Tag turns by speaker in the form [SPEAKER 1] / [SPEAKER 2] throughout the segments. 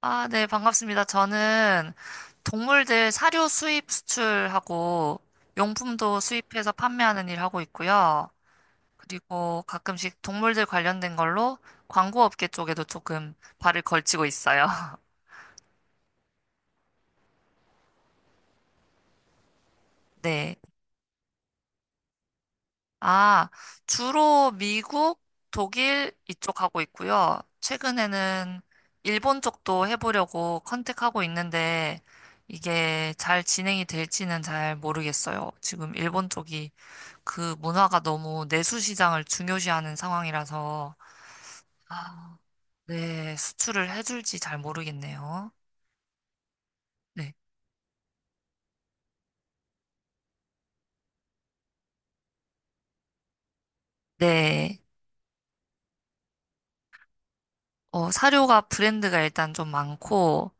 [SPEAKER 1] 아, 네, 반갑습니다. 저는 동물들 사료 수입 수출하고 용품도 수입해서 판매하는 일 하고 있고요. 그리고 가끔씩 동물들 관련된 걸로 광고 업계 쪽에도 조금 발을 걸치고 있어요. 네. 아, 주로 미국, 독일 이쪽 하고 있고요. 최근에는 일본 쪽도 해보려고 컨택하고 있는데 이게 잘 진행이 될지는 잘 모르겠어요. 지금 일본 쪽이 그 문화가 너무 내수 시장을 중요시하는 상황이라서 아, 네, 수출을 해줄지 잘 모르겠네요. 네. 네. 사료가 브랜드가 일단 좀 많고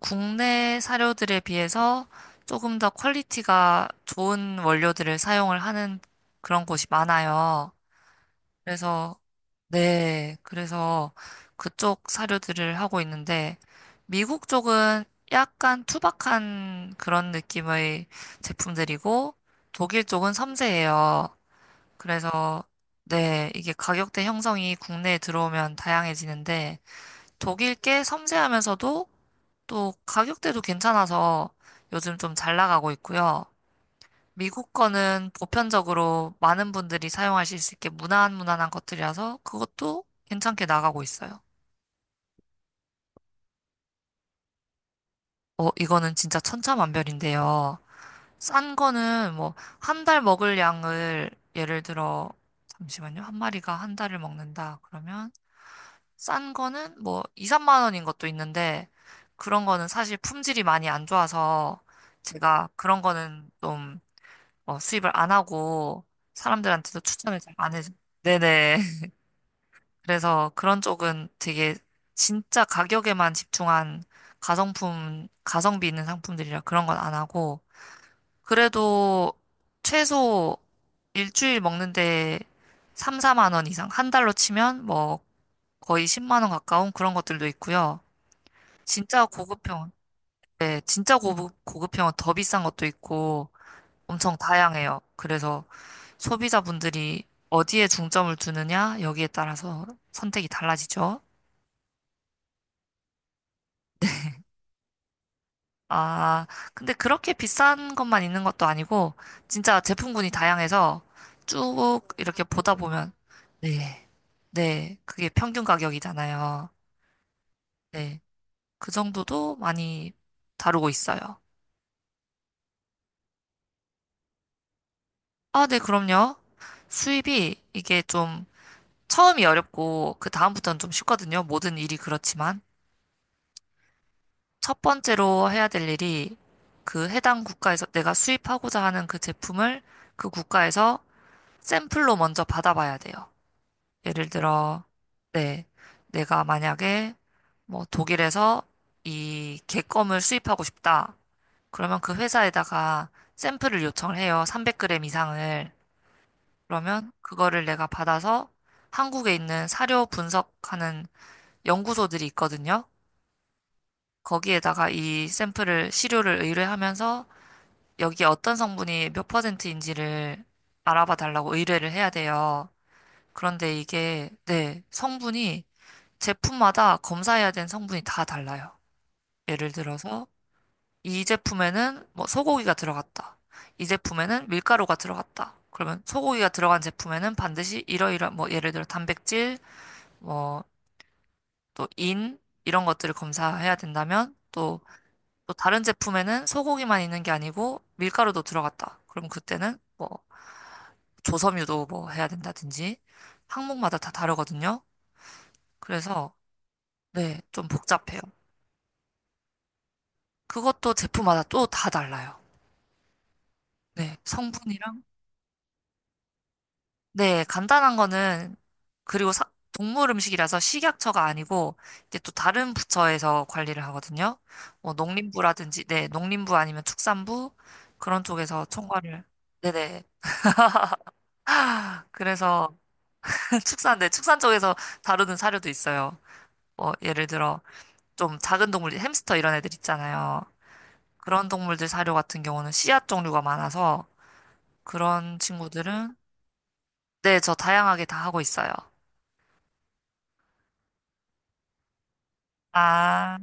[SPEAKER 1] 국내 사료들에 비해서 조금 더 퀄리티가 좋은 원료들을 사용을 하는 그런 곳이 많아요. 그래서 네, 그래서 그쪽 사료들을 하고 있는데, 미국 쪽은 약간 투박한 그런 느낌의 제품들이고, 독일 쪽은 섬세해요. 그래서, 네, 이게 가격대 형성이 국내에 들어오면 다양해지는데, 독일 게 섬세하면서도 또 가격대도 괜찮아서 요즘 좀 잘 나가고 있고요. 미국 거는 보편적으로 많은 분들이 사용하실 수 있게 무난무난한 것들이라서 그것도 괜찮게 나가고 있어요. 이거는 진짜 천차만별인데요. 싼 거는 뭐, 한 달 먹을 양을 예를 들어, 잠시만요. 한 마리가 한 달을 먹는다. 그러면 싼 거는 뭐, 2, 3만 원인 것도 있는데, 그런 거는 사실 품질이 많이 안 좋아서 제가 그런 거는 좀 수입을 안 하고 사람들한테도 추천을 잘 안 해. 네네. 그래서 그런 쪽은 되게 진짜 가격에만 집중한 가성품, 가성비 있는 상품들이라 그런 건 안 하고, 그래도 최소 일주일 먹는데 3, 4만 원 이상, 한 달로 치면 뭐 거의 10만 원 가까운 그런 것들도 있고요. 진짜 고급형, 네, 진짜 고급형은 더 비싼 것도 있고 엄청 다양해요. 그래서 소비자분들이 어디에 중점을 두느냐, 여기에 따라서 선택이 달라지죠. 아, 근데 그렇게 비싼 것만 있는 것도 아니고, 진짜 제품군이 다양해서 쭉 이렇게 보다 보면, 네, 네, 그게 평균 가격이잖아요. 네, 그 정도도 많이 다루고 있어요. 아, 네, 그럼요. 수입이 이게 좀 처음이 어렵고, 그 다음부터는 좀 쉽거든요. 모든 일이 그렇지만. 첫 번째로 해야 될 일이 그 해당 국가에서 내가 수입하고자 하는 그 제품을 그 국가에서 샘플로 먼저 받아봐야 돼요. 예를 들어, 네, 내가 만약에 뭐 독일에서 이 개 껌을 수입하고 싶다. 그러면 그 회사에다가 샘플을 요청을 해요. 300g 이상을. 그러면 그거를 내가 받아서 한국에 있는 사료 분석하는 연구소들이 있거든요. 거기에다가 이 샘플을, 시료를 의뢰하면서 여기에 어떤 성분이 몇 퍼센트인지를 알아봐 달라고 의뢰를 해야 돼요. 그런데 이게, 네, 성분이 제품마다 검사해야 되는 성분이 다 달라요. 예를 들어서 이 제품에는 뭐 소고기가 들어갔다. 이 제품에는 밀가루가 들어갔다. 그러면 소고기가 들어간 제품에는 반드시 이러이러한 뭐 예를 들어 단백질, 뭐 또 인 이런 것들을 검사해야 된다면 또 또 다른 제품에는 소고기만 있는 게 아니고 밀가루도 들어갔다. 그럼 그때는 뭐 조섬유도 뭐 해야 된다든지 항목마다 다 다르거든요. 그래서 네, 좀 복잡해요. 그것도 제품마다 또 다 달라요. 네, 성분이랑? 네, 간단한 거는, 그리고 동물 음식이라서 식약처가 아니고, 이제 또 다른 부처에서 관리를 하거든요. 뭐, 농림부라든지, 네, 농림부 아니면 축산부, 그런 쪽에서 총괄을. 네네. 그래서, 축산, 네, 축산 쪽에서 다루는 사료도 있어요. 뭐, 예를 들어, 좀 작은 동물, 햄스터 이런 애들 있잖아요. 그런 동물들 사료 같은 경우는 씨앗 종류가 많아서, 그런 친구들은, 네, 저 다양하게 다 하고 있어요. 아.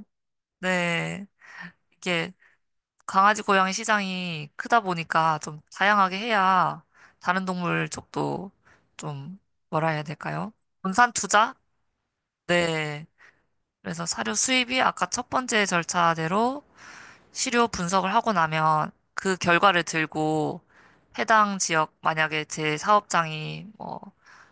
[SPEAKER 1] 네, 이게 강아지 고양이 시장이 크다 보니까 좀 다양하게 해야 다른 동물 쪽도 좀 뭐라 해야 될까요? 분산 투자? 네. 그래서 사료 수입이 아까 첫 번째 절차대로 시료 분석을 하고 나면 그 결과를 들고 해당 지역 만약에 제 사업장이 뭐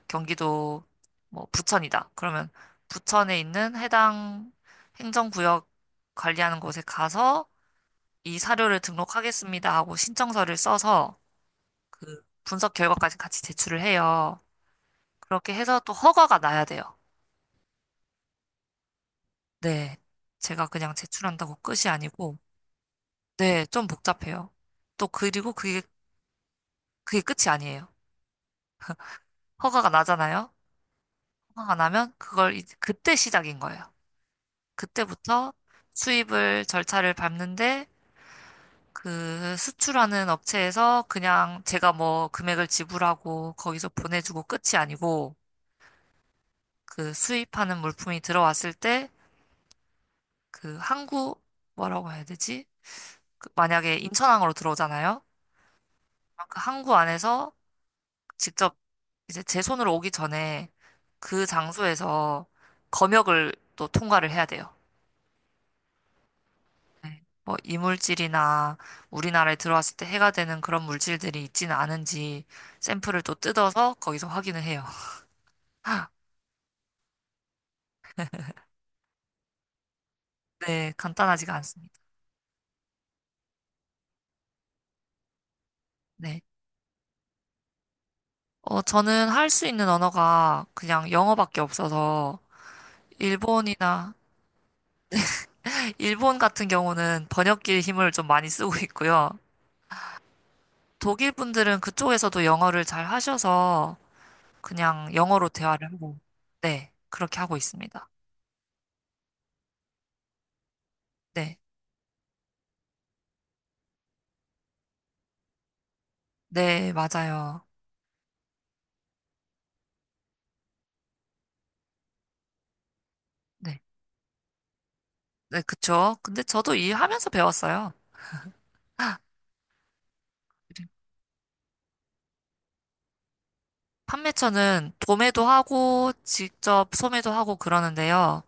[SPEAKER 1] 경기도 뭐 부천이다. 그러면 부천에 있는 해당 행정구역 관리하는 곳에 가서 이 사료를 등록하겠습니다 하고 신청서를 써서 그 분석 결과까지 같이 제출을 해요. 그렇게 해서 또 허가가 나야 돼요. 네. 제가 그냥 제출한다고 끝이 아니고, 네, 좀 복잡해요. 또 그리고 그게 끝이 아니에요. 허가가 나잖아요. 허가가 나면 그걸 이제 그때 시작인 거예요. 그때부터 수입을 절차를 밟는데 그 수출하는 업체에서 그냥 제가 뭐 금액을 지불하고 거기서 보내주고 끝이 아니고 그 수입하는 물품이 들어왔을 때 그 항구 뭐라고 해야 되지? 그 만약에 인천항으로 들어오잖아요. 그 항구 안에서 직접 이제 제 손으로 오기 전에 그 장소에서 검역을 또 통과를 해야 돼요. 네. 뭐 이물질이나 우리나라에 들어왔을 때 해가 되는 그런 물질들이 있지는 않은지 샘플을 또 뜯어서 거기서 확인을 해요. 네, 간단하지가 않습니다. 네. 저는 할 수 있는 언어가 그냥 영어밖에 없어서 일본이나, 일본 같은 경우는 번역기의 힘을 좀 많이 쓰고 있고요. 독일 분들은 그쪽에서도 영어를 잘 하셔서 그냥 영어로 대화를 하고, 네, 그렇게 하고 있습니다. 네, 네, 맞아요. 네, 네, 그쵸. 근데 저도 일하면서 배웠어요. 판매처는 도매도 하고, 직접 소매도 하고 그러는데요.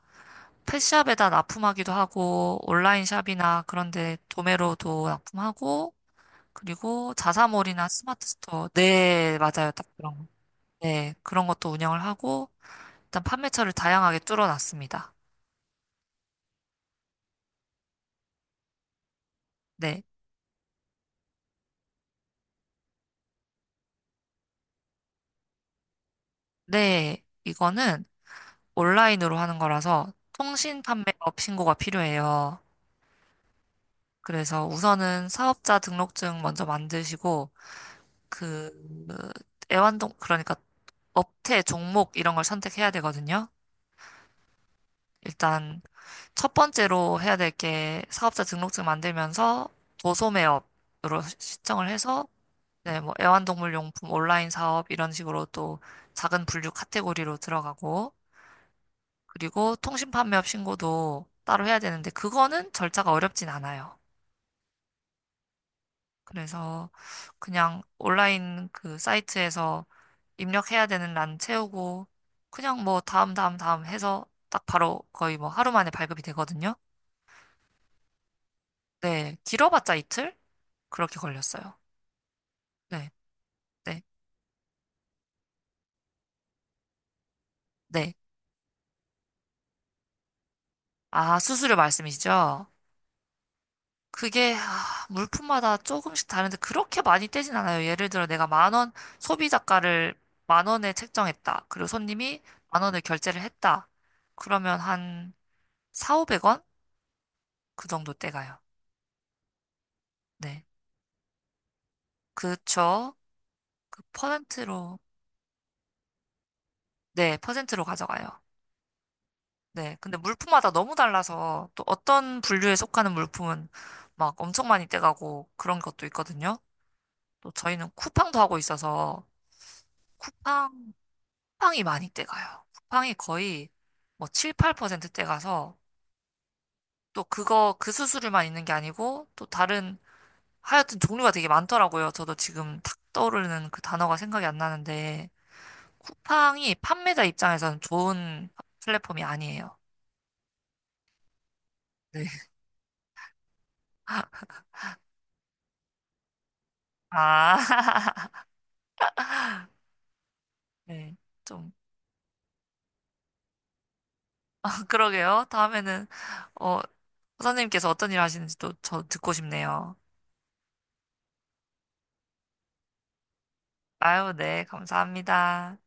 [SPEAKER 1] 펫샵에다 납품하기도 하고, 온라인 샵이나 그런 데 도매로도 납품하고, 그리고 자사몰이나 스마트 스토어. 네, 맞아요. 딱 그런 거. 네, 그런 것도 운영을 하고, 일단 판매처를 다양하게 뚫어놨습니다. 네. 네, 이거는 온라인으로 하는 거라서 통신 판매업 신고가 필요해요. 그래서 우선은 사업자 등록증 먼저 만드시고, 그, 그러니까 업태, 종목 이런 걸 선택해야 되거든요. 일단 첫 번째로 해야 될 게 사업자 등록증 만들면서 도소매업으로 신청을 해서 네, 뭐 애완동물 용품 온라인 사업 이런 식으로 또 작은 분류 카테고리로 들어가고 그리고 통신 판매업 신고도 따로 해야 되는데 그거는 절차가 어렵진 않아요. 그래서 그냥 온라인 그 사이트에서 입력해야 되는 란 채우고 그냥 뭐 다음 다음 다음 해서 딱 바로 거의 뭐 하루 만에 발급이 되거든요. 네, 길어봤자 이틀? 그렇게 걸렸어요. 네, 네, 네. 아, 수수료 말씀이시죠? 그게, 아, 물품마다 조금씩 다른데 그렇게 많이 떼진 않아요. 예를 들어 내가 10,000원, 소비자가를 10,000원에 책정했다. 그리고 손님이 10,000원을 결제를 했다. 그러면 한 4, 500원? 그 정도 떼가요. 네. 그쵸. 그 퍼센트로, 네, 퍼센트로 가져가요. 네. 근데 물품마다 너무 달라서 또 어떤 분류에 속하는 물품은 막 엄청 많이 떼가고 그런 것도 있거든요. 또 저희는 쿠팡도 하고 있어서 쿠팡, 쿠팡이 많이 떼가요. 쿠팡이 거의 뭐 7, 8%떼 가서 또 그거 그 수수료만 있는 게 아니고 또 다른 하여튼 종류가 되게 많더라고요. 저도 지금 탁 떠오르는 그 단어가 생각이 안 나는데 쿠팡이 판매자 입장에서는 좋은 플랫폼이 아니에요. 네. 아, 네. 좀 그러게요. 다음에는 어, 선생님께서 어떤 일 하시는지도 저 듣고 싶네요. 아유, 네. 감사합니다.